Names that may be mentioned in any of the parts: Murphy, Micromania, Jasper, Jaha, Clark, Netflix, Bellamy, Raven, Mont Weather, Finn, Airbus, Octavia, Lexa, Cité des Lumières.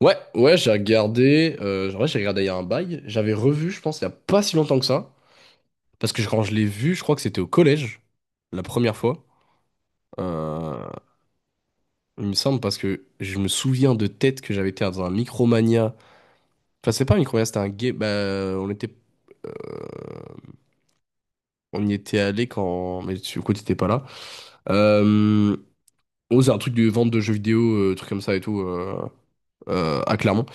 Ouais, ouais, j'ai regardé. En vrai, j'ai regardé il y a un bail. J'avais revu, je pense, il y a pas si longtemps que ça. Parce que quand je l'ai vu, je crois que c'était au collège, la première fois. Euh, il me semble, parce que je me souviens de tête que j'avais été dans un Micromania. Enfin, c'est pas un Micromania, c'était un game. Bah, euh, on y était allé quand. Mais tu, écoute, t'étais pas là. Euh, oh, c'est un truc de vente de jeux vidéo, truc comme ça et tout, à Clermont.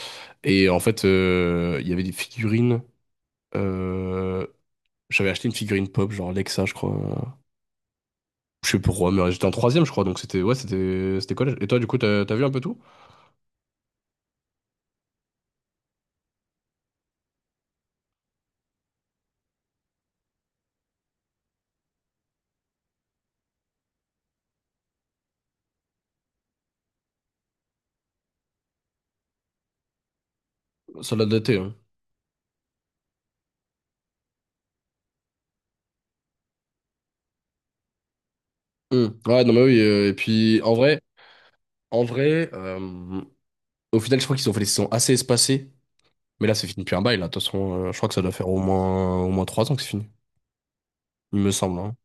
Et en fait, il y avait des figurines. euh, J'avais acheté une figurine pop, genre Lexa, je crois. Je sais plus pourquoi, mais j'étais en troisième, je crois, donc c'était ouais, c'était c'était collège. Et toi, du coup, t'as vu un peu tout? Ça l'a daté, hein. Hmm. Ouais, non, mais oui. Et puis, en vrai, en vrai, euh, au final, je crois qu'ils ont fait des saisons assez espacées. Mais là, c'est fini depuis un bail, là. De toute façon, je crois que ça doit faire au moins trois ans que c'est fini. Il me semble, hein.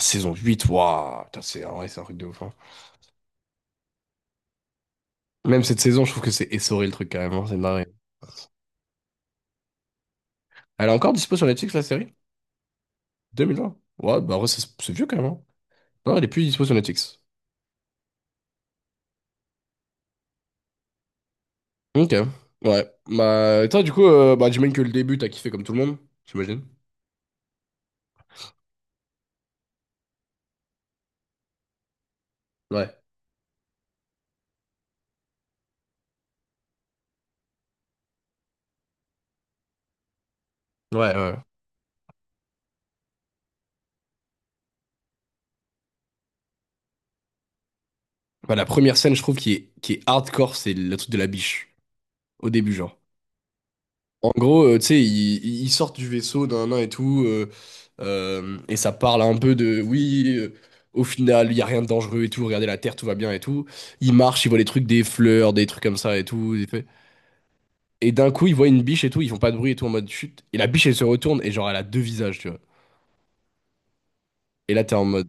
Saison huit, waouh! Putain, c'est en vrai, c'est un truc de ouf, hein. Même cette saison, je trouve que c'est essoré le truc quand même, hein, c'est marrant. Elle est encore dispo sur Netflix, la série? 2020? Ouais, bah, en vrai, c'est vieux quand même, hein. Non, elle est plus dispo sur Netflix. Ok, ouais. Bah, et toi, du coup, bah, j'imagine que le début, t'as kiffé comme tout le monde, j'imagine. Ouais, ouais, ouais. Bah, la première scène, je trouve, qui est hardcore, c'est le truc de la biche, au début, genre. En gros, tu sais, ils sortent du vaisseau d'un nain et tout, et ça parle un peu de, oui, au final, il y a rien de dangereux et tout, regardez la Terre, tout va bien et tout. Ils marchent, ils voient les trucs, des fleurs, des trucs comme ça et tout, des faits. Et d'un coup, ils voient une biche et tout, ils font pas de bruit et tout, en mode chute. Et la biche, elle se retourne, et genre, elle a deux visages, tu vois. Et là, t'es en mode...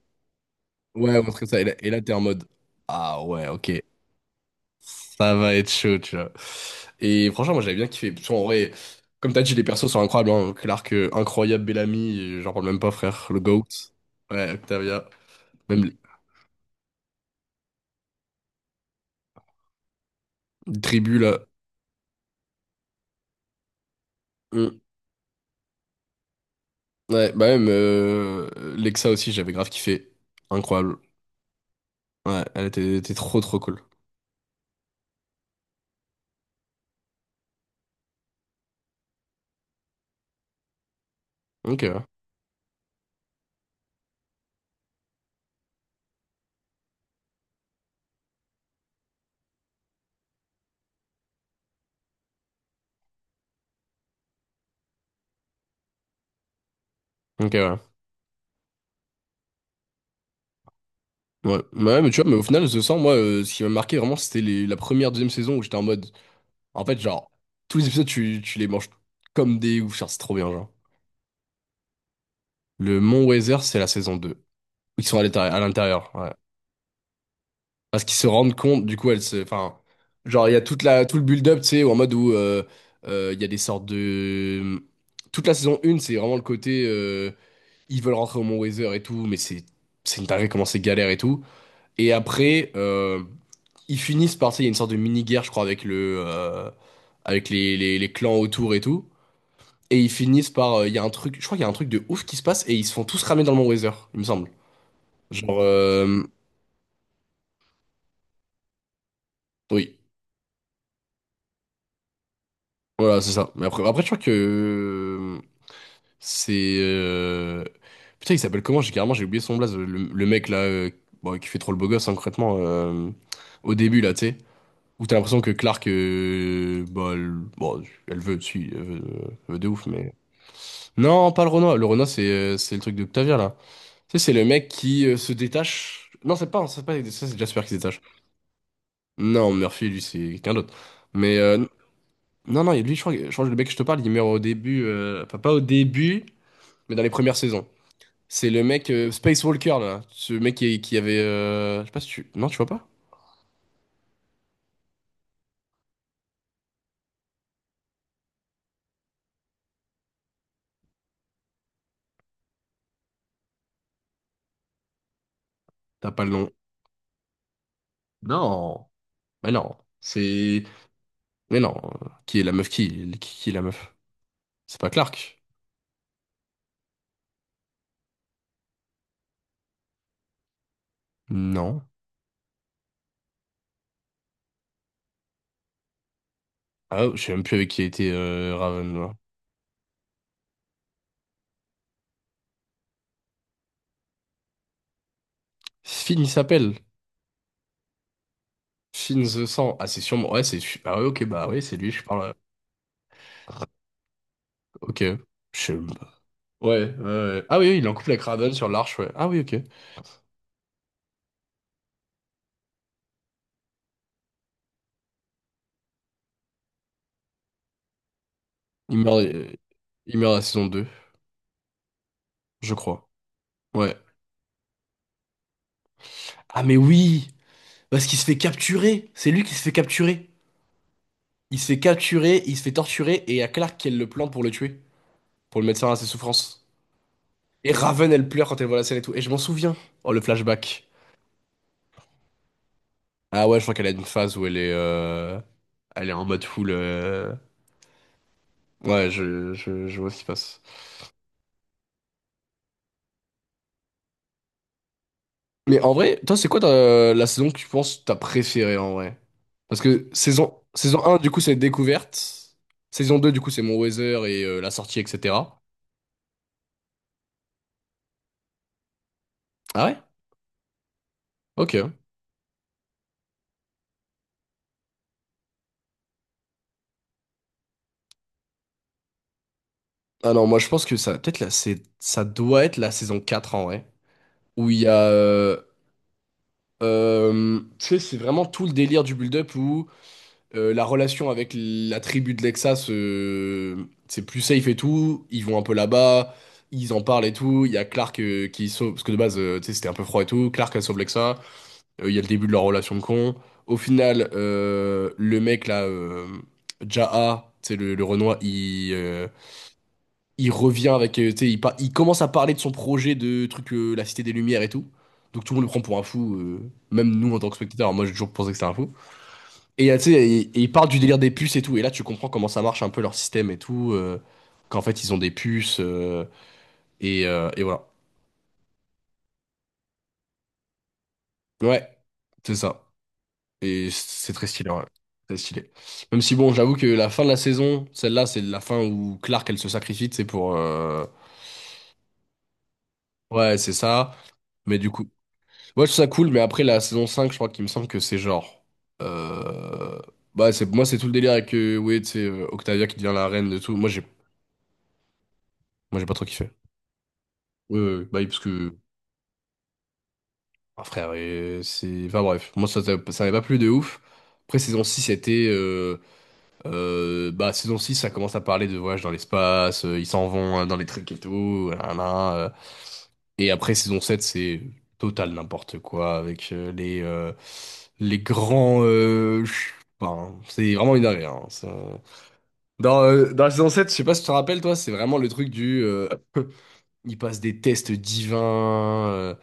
Ouais, on comme ça. Et là, t'es en mode, ah ouais, ok, ça va être chaud, tu vois. Et franchement, moi, j'avais bien kiffé. Parce qu'en vrai, comme t'as dit, les persos sont incroyables, hein. Clark, incroyable, Bellamy, j'en parle même pas, frère. Le GOAT. Ouais, Octavia. Même les tribus, là. Mm. Ouais, bah même Lexa aussi, j'avais grave kiffé. Incroyable. Ouais, était trop, trop cool. Ok, ouais. Ok, ouais. Ouais. Bah ouais, mais tu vois, mais au final, je sens, moi, ce qui m'a marqué vraiment, c'était la première, deuxième saison où j'étais en mode. En fait, genre, tous les épisodes, tu les manges comme des ouf, genre, c'est trop bien, genre. Le Mont Weather, c'est la saison 2. Ils sont à l'intérieur, ouais. Parce qu'ils se rendent compte, du coup, elle se, enfin, genre, il y a tout le build-up, tu sais, en mode où il y a des sortes de... Toute la saison 1, c'est vraiment le côté, ils veulent rentrer au Mont Weather et tout, c'est une dinguerie comment c'est galère et tout. Et après, ils finissent par, tu sais, il y a une sorte de mini-guerre, je crois, avec avec les clans autour et tout. Et ils finissent par. Il y a un truc, je crois qu'il y a un truc de ouf qui se passe et ils se font tous ramer dans le Mont Weather, il me semble. Genre, euh, oui, voilà, c'est ça. Mais après, je crois que euh, c'est. Putain, il s'appelle comment? J'ai carrément j'ai oublié son blaze. Le mec là, bon, qui fait trop le beau gosse, hein, concrètement, au début là, tu sais. Où t'as l'impression que Clark, bah, elle, bon, elle veut, si, elle veut de ouf, mais. Non, pas le Renoir. Le Renoir, c'est le truc d'Octavia là. Tu sais, c'est le mec qui se détache. Non, c'est pas ça, c'est Jasper qui se détache. Non, Murphy, lui, c'est quelqu'un d'autre. Mais non, lui, je crois, je crois que le mec que je te parle, il meurt au début. Enfin, pas au début, mais dans les premières saisons. C'est le mec Space Walker, là. Ce mec qui avait. Je sais pas si tu. Non, tu vois pas? T'as pas le nom. Non. Mais non. C'est. Mais non. Qui est la meuf? Qui est la meuf? C'est pas Clark? Non. Ah, je sais même plus avec qui a été Raven. Là. Finn, il s'appelle. Shin the Sang. Ah, c'est sûrement. Ouais, c'est. Ah, ouais, ok, bah oui, c'est lui, je parle. Ok. Je ouais, ah, oui, il est en couple avec Raven sur l'arche, ouais. Ah, oui, ok. Il meurt, il meurt à la saison 2, je crois. Ouais. Ah, mais oui! Parce qu'il se fait capturer! C'est lui qui se fait capturer! Il se fait capturer, il se fait torturer, et il y a Clark qui elle le plante pour le tuer, pour le mettre fin à ses souffrances. Et Raven, elle pleure quand elle voit la scène et tout. Et je m'en souviens. Oh, le flashback. Ah, ouais, je crois qu'elle a une phase où elle est. Elle est en mode full. Ouais, je vois ce qui se passe. Mais en vrai, toi, c'est quoi la saison que tu penses que t'as préférée en vrai? Parce que saison un du coup, c'est découverte. Saison 2 du coup, c'est mon weather et la sortie, etc. Ah ouais? Ok. Ah non, moi, je pense que ça, peut-être là, c'est, ça doit être la saison 4 en vrai. Où il y a. Tu sais, c'est vraiment tout le délire du build-up. La relation avec la tribu de Lexas, c'est plus safe et tout. Ils vont un peu là-bas, ils en parlent et tout. Il y a Clark qui sauve, parce que de base, tu sais, c'était un peu froid et tout. Clark, elle sauve Lexa. Il y a le début de leur relation de con. Au final, le mec là, Jaha, tu sais, le Renoir, il revient avec, tu sais, il commence à parler de son projet de truc, la Cité des Lumières et tout. Donc tout le monde le prend pour un fou, même nous en tant que spectateurs. Moi, j'ai toujours pensé que c'était un fou. Et tu sais, ils parlent du délire des puces et tout. Et là, tu comprends comment ça marche un peu leur système et tout. Qu'en fait, ils ont des puces. Et voilà. Ouais, c'est ça. Et c'est très stylé, ouais. Très stylé. Même si, bon, j'avoue que la fin de la saison, celle-là, c'est la fin où Clark, elle se sacrifie, c'est pour. Ouais, c'est ça. Mais du coup. Ouais, je trouve ça cool. Mais après, la saison 5 je crois qu'il me semble que c'est genre. euh, Bah, c'est... moi, c'est tout le délire avec. Ouais, tu sais, Octavia qui devient la reine de tout. Moi, j'ai pas trop kiffé. Ouais, ouais, ouais. Bah, oui, parce que ah, frère, et c'est... Enfin bref, moi ça m'avait pas plu de ouf. Après, saison 6 c'était... bah, saison 6 ça commence à parler de voyage dans l'espace, ils s'en vont hein, dans les trucs et tout, Et après, saison 7 c'est total n'importe quoi, avec les grands... Enfin, c'est vraiment une dinguerie, hein, ça. Dans la saison 7 je sais pas si tu te rappelles, toi, c'est vraiment le truc du... ils passent des tests divins...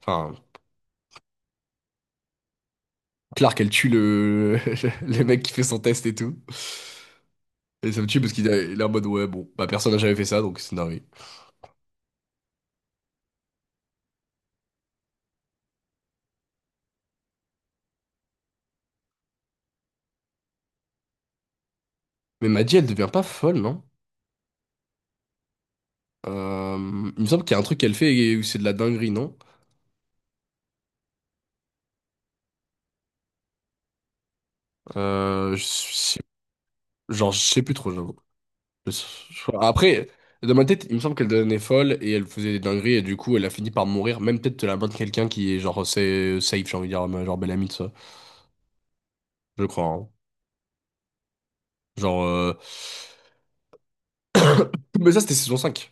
Enfin, Clark, elle tue le... le mec qui fait son test et tout. Et ça me tue parce il est en mode, ouais, bon, bah personne n'a jamais fait ça, donc c'est dingue. Mais Maddy, elle devient pas folle, non? Il me semble qu'il y a un truc qu'elle fait et où c'est de la dinguerie, non? Euh, je sais- genre, je sais plus trop, j'avoue. Je- Après, dans ma tête, il me semble qu'elle devenait folle et elle faisait des dingueries et du coup, elle a fini par mourir, même peut-être de la main de quelqu'un qui est genre c'est safe, j'ai envie de dire, genre belle amie, de ça. Je crois, hein. Genre... euh, Mais ça, c'était saison cinq.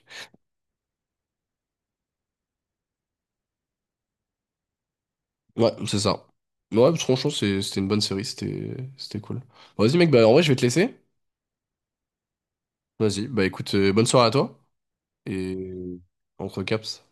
Ouais, c'est ça. Mais ouais, franchement, c'était une bonne série, c'était c'était cool. Bon, vas-y, mec, bah en vrai, je vais te laisser. Vas-y, bah écoute, bonne soirée à toi. Et on te recaps.